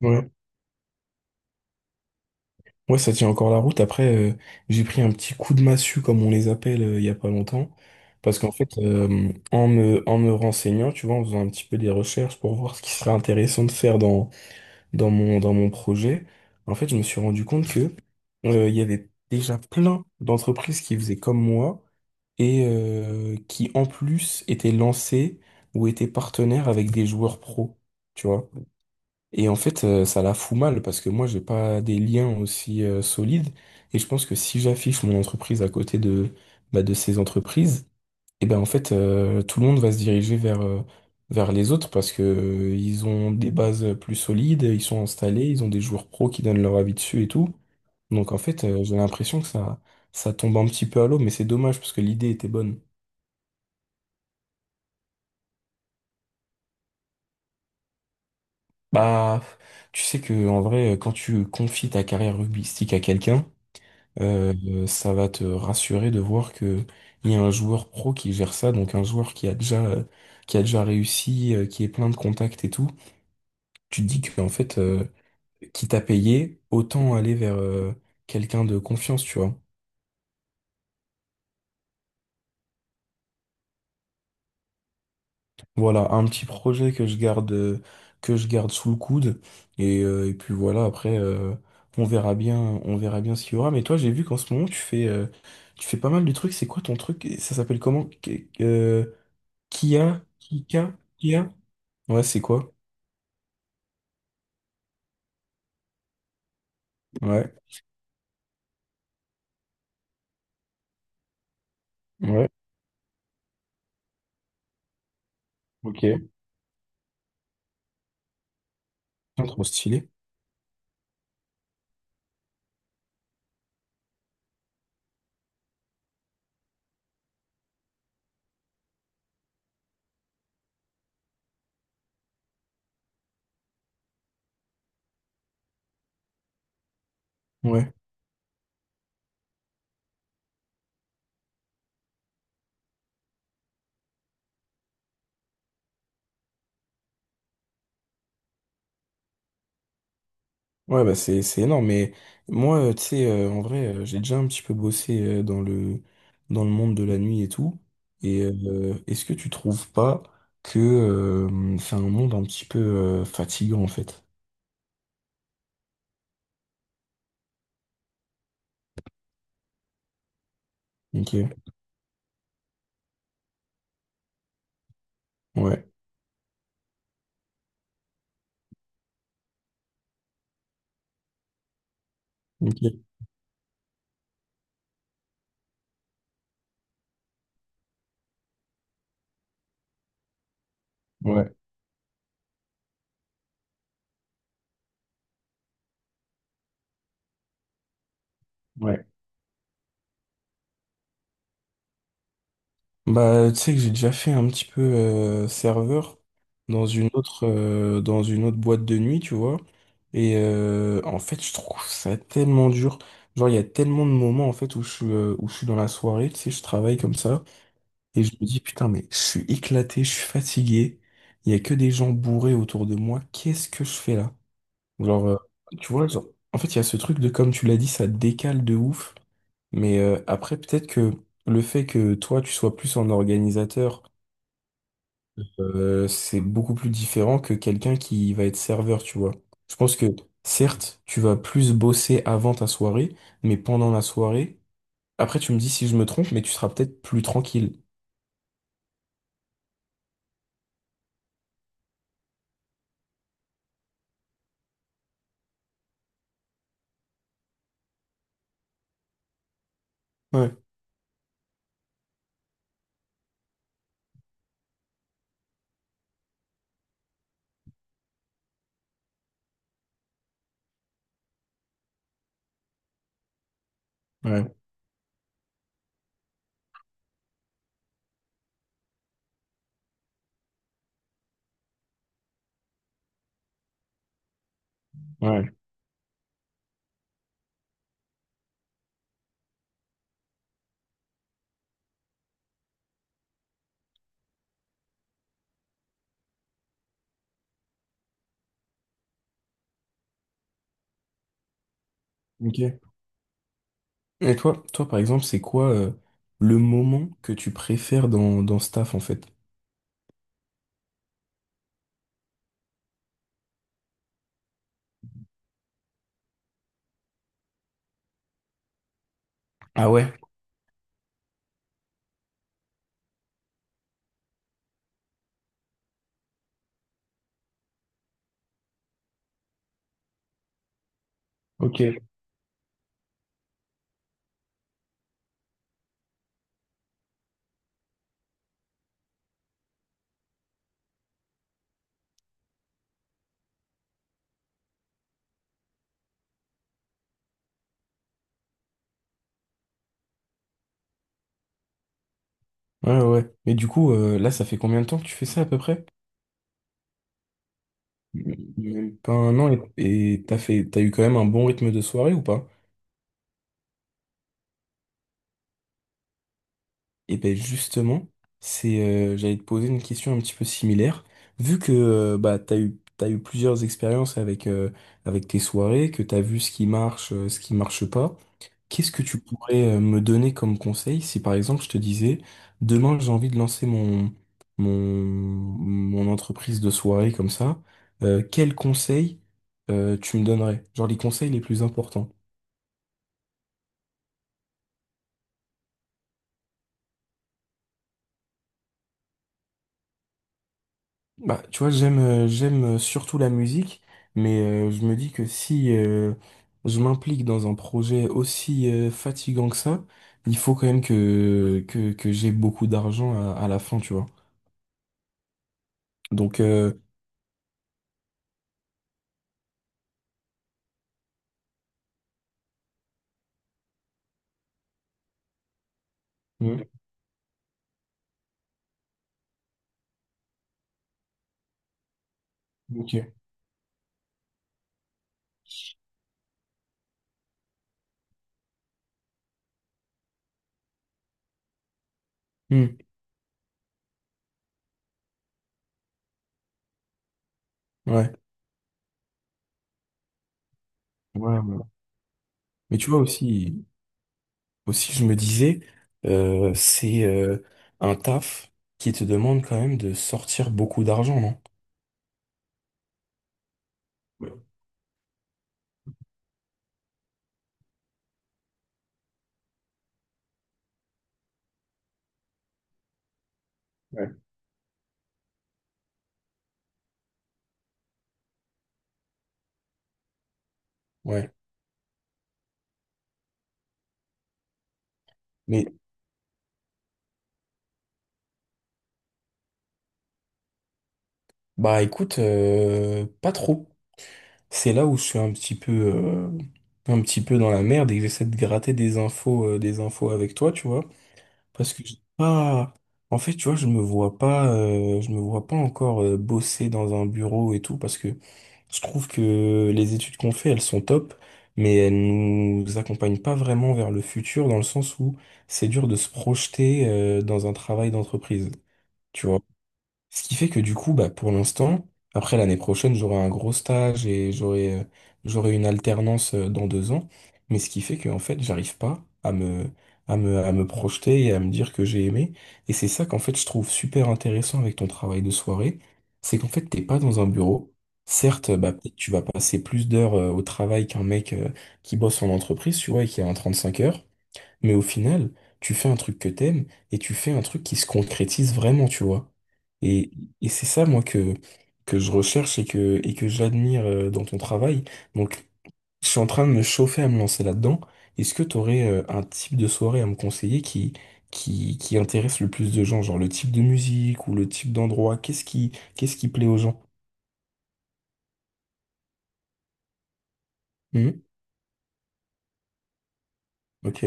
Ouais. Ouais, ça tient encore la route. Après, j'ai pris un petit coup de massue, comme on les appelle, il y a pas longtemps. Parce qu'en fait, en me renseignant, tu vois, en faisant un petit peu des recherches pour voir ce qui serait intéressant de faire dans mon projet, en fait, je me suis rendu compte que, il y avait déjà plein d'entreprises qui faisaient comme moi et qui, en plus, étaient lancées ou étaient partenaires avec des joueurs pros, tu vois. Et en fait, ça la fout mal parce que moi, j'ai pas des liens aussi solides. Et je pense que si j'affiche mon entreprise à côté de, bah, de ces entreprises, et ben en fait, tout le monde va se diriger vers les autres parce que ils ont des bases plus solides, ils sont installés, ils ont des joueurs pros qui donnent leur avis dessus et tout. Donc en fait, j'ai l'impression que ça tombe un petit peu à l'eau, mais c'est dommage parce que l'idée était bonne. Bah, tu sais que en vrai, quand tu confies ta carrière rugbystique à quelqu'un, ça va te rassurer de voir que il y a un joueur pro qui gère ça, donc un joueur qui a déjà réussi, qui est plein de contacts et tout. Tu te dis que en fait, qui t'a payé, autant aller vers quelqu'un de confiance, tu vois. Voilà, un petit projet que je garde sous le coude, et puis voilà. Après, on verra bien, on verra bien ce qu'il y aura. Mais toi, j'ai vu qu'en ce moment, tu fais pas mal de trucs. C'est quoi ton truc? Ça s'appelle comment? Kia, Kika, Kia. Ouais, c'est quoi? Ouais, ouais, ok. Putain, trop stylé. Ouais, ouais, bah c'est énorme. Mais moi, tu sais, en vrai, j'ai déjà un petit peu bossé dans le monde de la nuit et tout. Et est-ce que tu trouves pas que c'est un monde un petit peu fatigant en fait? Ok. Ouais. Ok. Ouais. Ouais. Bah, tu sais que j'ai déjà fait un petit peu serveur dans une autre boîte de nuit, tu vois. Et en fait, je trouve ça tellement dur. Genre, il y a tellement de moments en fait où je suis dans la soirée, tu sais, je travaille comme ça et je me dis putain, mais je suis éclaté, je suis fatigué. Il y a que des gens bourrés autour de moi. Qu'est-ce que je fais là? Genre, euh, tu vois, genre, en fait, il y a ce truc de comme tu l'as dit, ça décale de ouf. Mais après, peut-être que le fait que toi, tu sois plus en organisateur c'est beaucoup plus différent que quelqu'un qui va être serveur, tu vois. Je pense que certes, tu vas plus bosser avant ta soirée, mais pendant la soirée, après tu me dis si je me trompe, mais tu seras peut-être plus tranquille. Ouais, ouais, ouais. Ok. Et toi, toi par exemple, c'est quoi le moment que tu préfères dans, dans ce taf en fait? Ah ouais? Ok. Ouais, ouais. Mais du coup, là, ça fait combien de temps que tu fais ça à peu près? Même pas un an et t'as eu quand même un bon rythme de soirée ou pas? Et ben justement, j'allais te poser une question un petit peu similaire. Vu que bah, t'as eu plusieurs expériences avec, avec tes soirées, que tu as vu ce qui marche pas, qu'est-ce que tu pourrais me donner comme conseil si par exemple je te disais, demain j'ai envie de lancer mon, mon entreprise de soirée comme ça, quels conseils tu me donnerais? Genre les conseils les plus importants. Bah, tu vois, j'aime surtout la musique, mais je me dis que si je m'implique dans un projet aussi fatigant que ça, il faut quand même que j'ai beaucoup d'argent à la fin, tu vois. Donc Mm. Ok. Mm. Ouais. Ouais, ouais. Mais tu vois aussi je me disais c'est un taf qui te demande quand même de sortir beaucoup d'argent, non? Ouais. Ouais. Ouais. Mais bah écoute, pas trop. C'est là où je suis un petit peu dans la merde et que j'essaie de gratter des infos avec toi, tu vois. Parce que j'ai pas, en fait, tu vois, je me vois pas, je me vois pas encore bosser dans un bureau et tout parce que je trouve que les études qu'on fait, elles sont top, mais elles nous accompagnent pas vraiment vers le futur dans le sens où c'est dur de se projeter, dans un travail d'entreprise. Tu vois ce qui fait que du coup, bah, pour l'instant, après l'année prochaine, j'aurai un gros stage et j'aurai une alternance dans 2 ans. Mais ce qui fait que en fait, j'arrive pas à à me projeter et à me dire que j'ai aimé. Et c'est ça qu'en fait, je trouve super intéressant avec ton travail de soirée. C'est qu'en fait, t'es pas dans un bureau. Certes, bah, peut-être tu vas passer plus d'heures au travail qu'un mec qui bosse en entreprise, tu vois, et qui a un 35 heures. Mais au final, tu fais un truc que t'aimes et tu fais un truc qui se concrétise vraiment, tu vois. Et, et c'est ça, moi, que je recherche et et que j'admire dans ton travail. Donc, je suis en train de me chauffer à me lancer là-dedans. Est-ce que tu aurais un type de soirée à me conseiller qui intéresse le plus de gens? Genre le type de musique ou le type d'endroit? Qu'est-ce qui plaît aux gens? Hmm. Ok,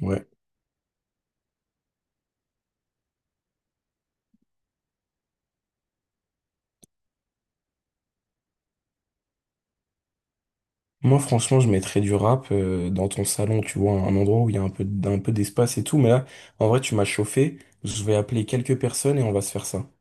ouais. Moi, franchement, je mettrais du rap dans ton salon, tu vois, un endroit où il y a un peu, d- un peu d'espace et tout. Mais là, en vrai, tu m'as chauffé. Je vais appeler quelques personnes et on va se faire ça.